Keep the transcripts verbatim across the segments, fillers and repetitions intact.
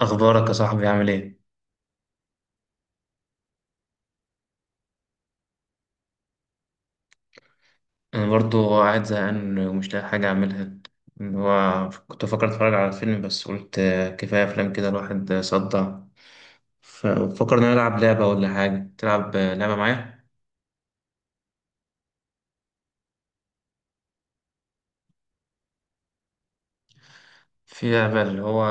اخبارك يا صاحبي، عامل ايه؟ انا برضو قاعد زهقان ومش لاقي حاجه اعملها. اللي هو كنت فكرت اتفرج على فيلم، بس قلت آه كفايه افلام كده، الواحد صدع. ففكرنا نلعب لعبه ولا حاجه. تلعب آه، لعبه معايا؟ في لعبه اللي هو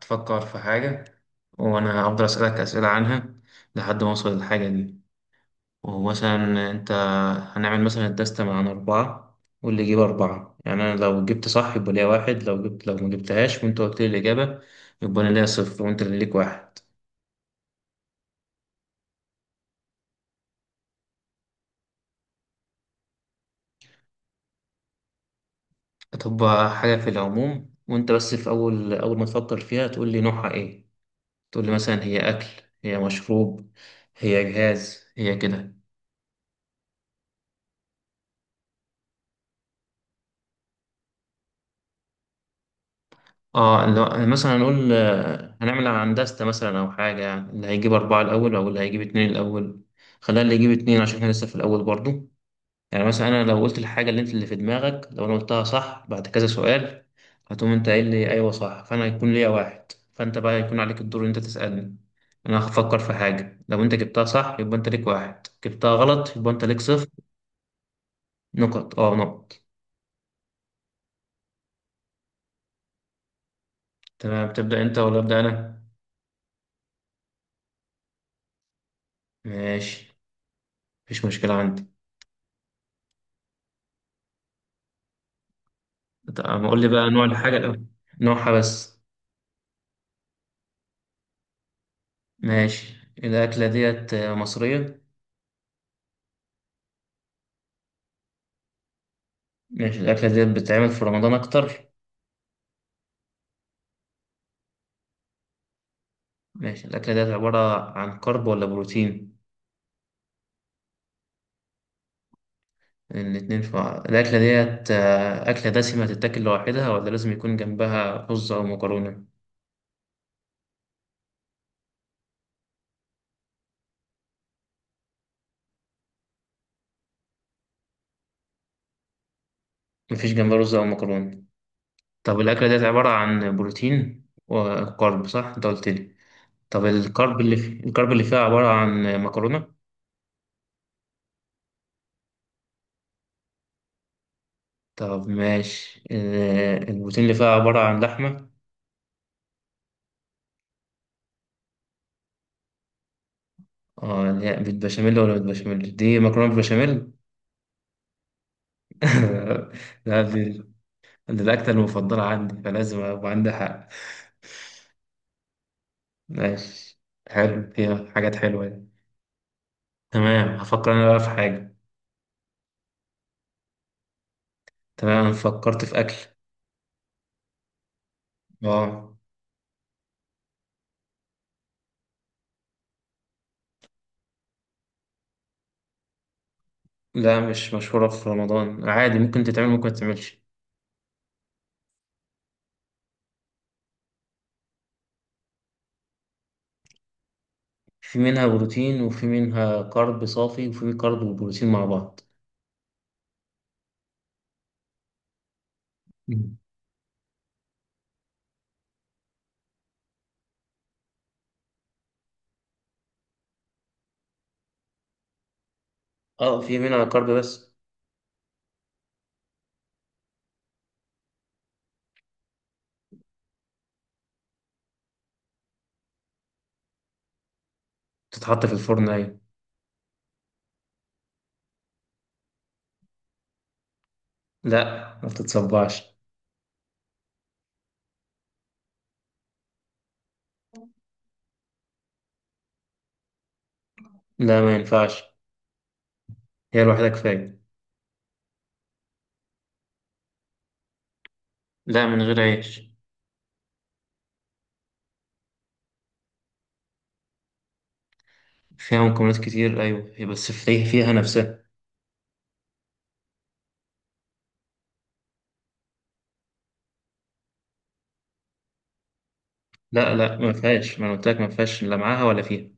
تفكر في حاجه، وانا هفضل اسالك اسئله عنها لحد ما اوصل للحاجه دي. ومثلا انت، هنعمل مثلا الدستة عن أربعة، واللي يجيب أربعة. يعني أنا لو جبت صح يبقى ليا واحد، لو جبت لو ما جبتهاش وأنت قلت لي الإجابة يبقى أنا ليا صفر وأنت اللي ليك واحد. هتبقى حاجة في العموم، وأنت بس في أول أول ما تفكر فيها تقول لي نوعها إيه. تقول لي مثلا هي أكل، هي مشروب، هي جهاز، هي كده. اه لو مثلا هنقول آه، هنعمل هندسة مثلا أو حاجة، يعني اللي هيجيب أربعة الأول أو اللي هيجيب اتنين الأول. خلينا اللي يجيب اتنين عشان احنا لسه في الأول برضو. يعني مثلا انا لو قلت الحاجه اللي انت اللي في دماغك، لو انا قلتها صح بعد كذا سؤال، هتقوم انت قايل لي ايوه صح، فانا هيكون ليا واحد، فانت بقى هيكون عليك الدور ان انت تسالني. انا هفكر في حاجه، لو انت جبتها صح يبقى انت ليك واحد، جبتها غلط يبقى انت ليك صفر. نقط، اه نقط. تمام، تبدا انت ولا ابدا انا؟ ماشي، مفيش مشكله عندي. طب قول لي بقى نوع الحاجه الاول، نوعها بس. ماشي، الاكله ديت مصريه؟ ماشي، الاكله ديت بتتعمل في رمضان اكتر؟ ماشي، الأكلة ديت عبارة عن كرب ولا بروتين؟ الاتنين في بعض. الأكلة ديت آه، أكلة دسمة تتاكل لوحدها ولا لازم يكون جنبها رز أو مكرونة؟ مفيش جنبها رز أو مكرونة. طب الأكلة ديت عبارة عن بروتين وكرب صح؟ أنت قلت لي. طب الكرب اللي في... الكرب اللي فيها عبارة عن مكرونة؟ طب ماشي، آه، البروتين اللي فيها عبارة عن لحمة؟ اه اللي هي بالبشاميل، ولا بالبشاميل، دي مكرونة بالبشاميل؟ لا دي، دي الأكلة المفضلة عندي فلازم أبقى عندي حق. ماشي، حلو فيها حاجات حلوة دي. تمام، هفكر أنا بقى في حاجة. تمام، أنا فكرت في أكل. آه لا، مش مشهورة في رمضان، عادي ممكن تتعمل ممكن متتعملش. في منها بروتين وفي منها كارب صافي وفي كارب وبروتين مع بعض. مم. اه في منها كارب بس. تتحط في الفرن، أيوة. لا، ما بتتصبعش. لا، ما ينفعش، هي الوحيدة كفاية. لا، من غير عيش. فيها مكونات كتير، أيوة هي بس في- فيها نفسها. لا لا، ما فيهاش، ما أنا قلت لك ما فيهاش، لا معاها ولا فيها.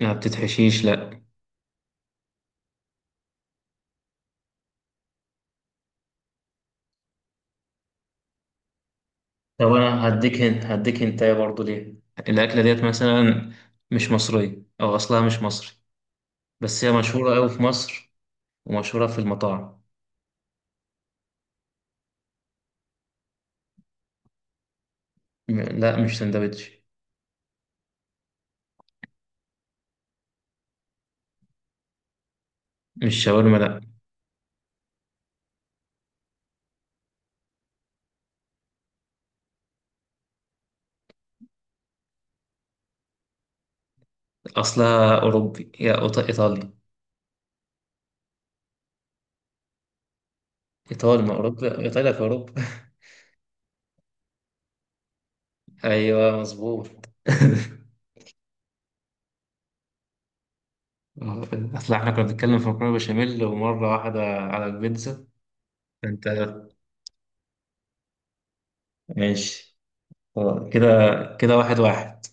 ما بتتحشيش لا. طب انا هديك هنت، هديك هنت برضه ليه. الأكلة ديت مثلا مش مصرية أو أصلها مش مصري، بس هي مشهورة أوي في مصر ومشهورة في المطاعم. م- لا، مش سندوتش. مش شاورما لا. أصلها أوروبي يا أوط- إيطالي. إيطالي، ما أوروبا، إيطاليا في أوروبا. أيوه مظبوط. أصل إحنا كنا بنتكلم في مكرونة بشاميل، ومرة واحدة على البيتزا. أنت. ماشي. آه، كده، كده واحد واحد.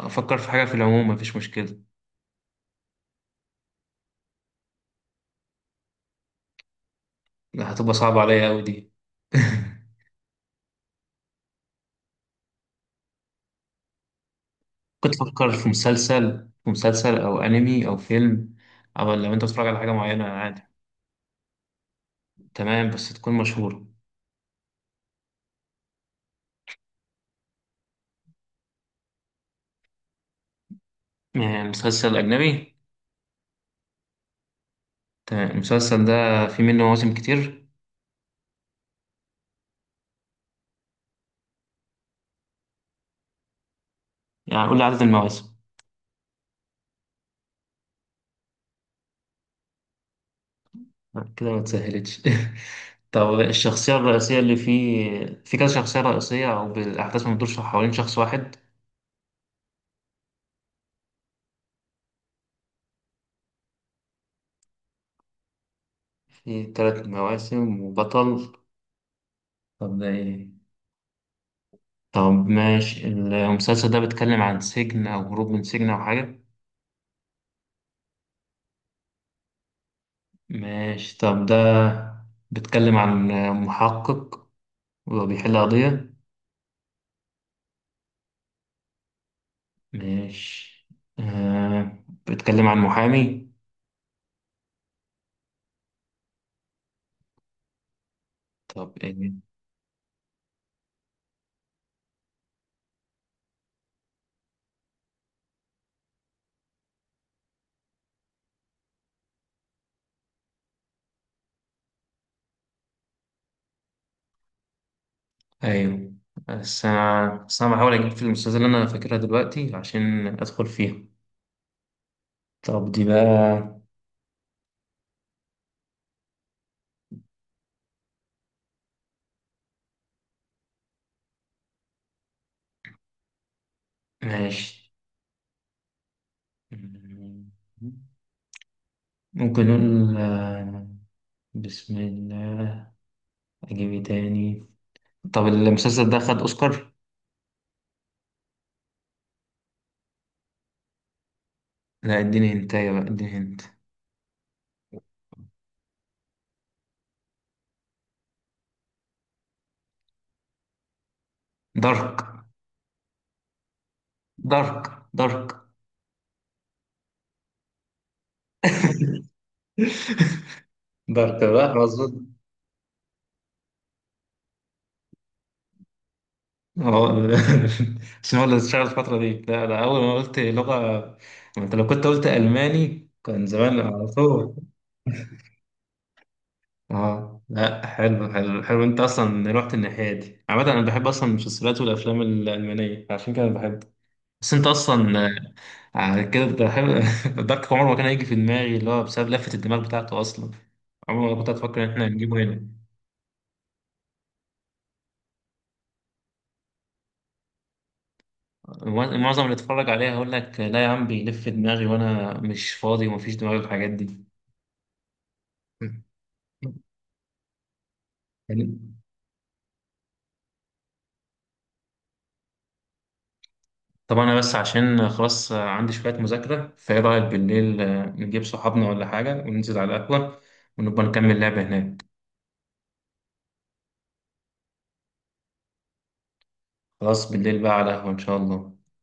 افكر في حاجه في العموم، مفيش مشكله. لا، هتبقى صعبه عليا قوي دي. كنت افكر في مسلسل، في مسلسل او انمي او فيلم، او لو انت بتتفرج على حاجه معينه عادي. تمام بس تكون مشهوره. يعني مسلسل اجنبي. تمام، المسلسل ده في منه مواسم كتير؟ يعني قول لي عدد المواسم. كده ما تسهلتش. طب الشخصيه الرئيسيه اللي فيه، في كذا شخصيه رئيسيه او بالاحداث ما بتدورش حوالين شخص واحد؟ في ثلاث مواسم وبطل. طب ده ايه؟ طب ماشي، المسلسل ده بيتكلم عن سجن أو هروب من سجن أو حاجة؟ ماشي طب، ده بيتكلم عن محقق وبيحل قضية؟ ماشي. آه، بيتكلم عن محامي؟ طب إيه؟ أيوه. بس أنا بس أنا بحاول أجيب في المسلسل اللي أنا فاكرها دلوقتي عشان أدخل فيها. طب دي بقى. ماشي، ممكن نقول آه، بسم الله. أجيب إيه تاني؟ طب المسلسل ده خد اوسكار؟ لا، اديني هنتايه بقى، اديني هنت. دارك، دارك. دارك، دارك بقى مظبوط. اه عشان هو اللي اشتغل الفترة دي. لا ده، أول ما قلت لغة أنت، لو كنت قلت ألماني كان زمان على طول. اه لا، حلو حلو حلو، أنت أصلا رحت الناحية دي. عامة أنا بحب أصلا المسلسلات والأفلام الألمانية عشان كده بحب. بس أنت أصلا على كده كنت بحب. دارك عمر ما كان هيجي في دماغي، اللي هو بسبب لفة الدماغ بتاعته أصلا. عمر ما كنت هتفكر إن إحنا هنجيبه هنا. معظم اللي اتفرج عليها هيقول لك لا يا عم، بيلف دماغي وأنا مش فاضي ومفيش دماغي الحاجات دي يعني. طبعا، أنا بس عشان خلاص عندي شوية مذاكرة، فإيه رأيك بالليل نجيب صحابنا ولا حاجة وننزل على القهوة ونبقى نكمل لعبة هناك. خلاص، بالليل بقى على القهوة إن شاء الله.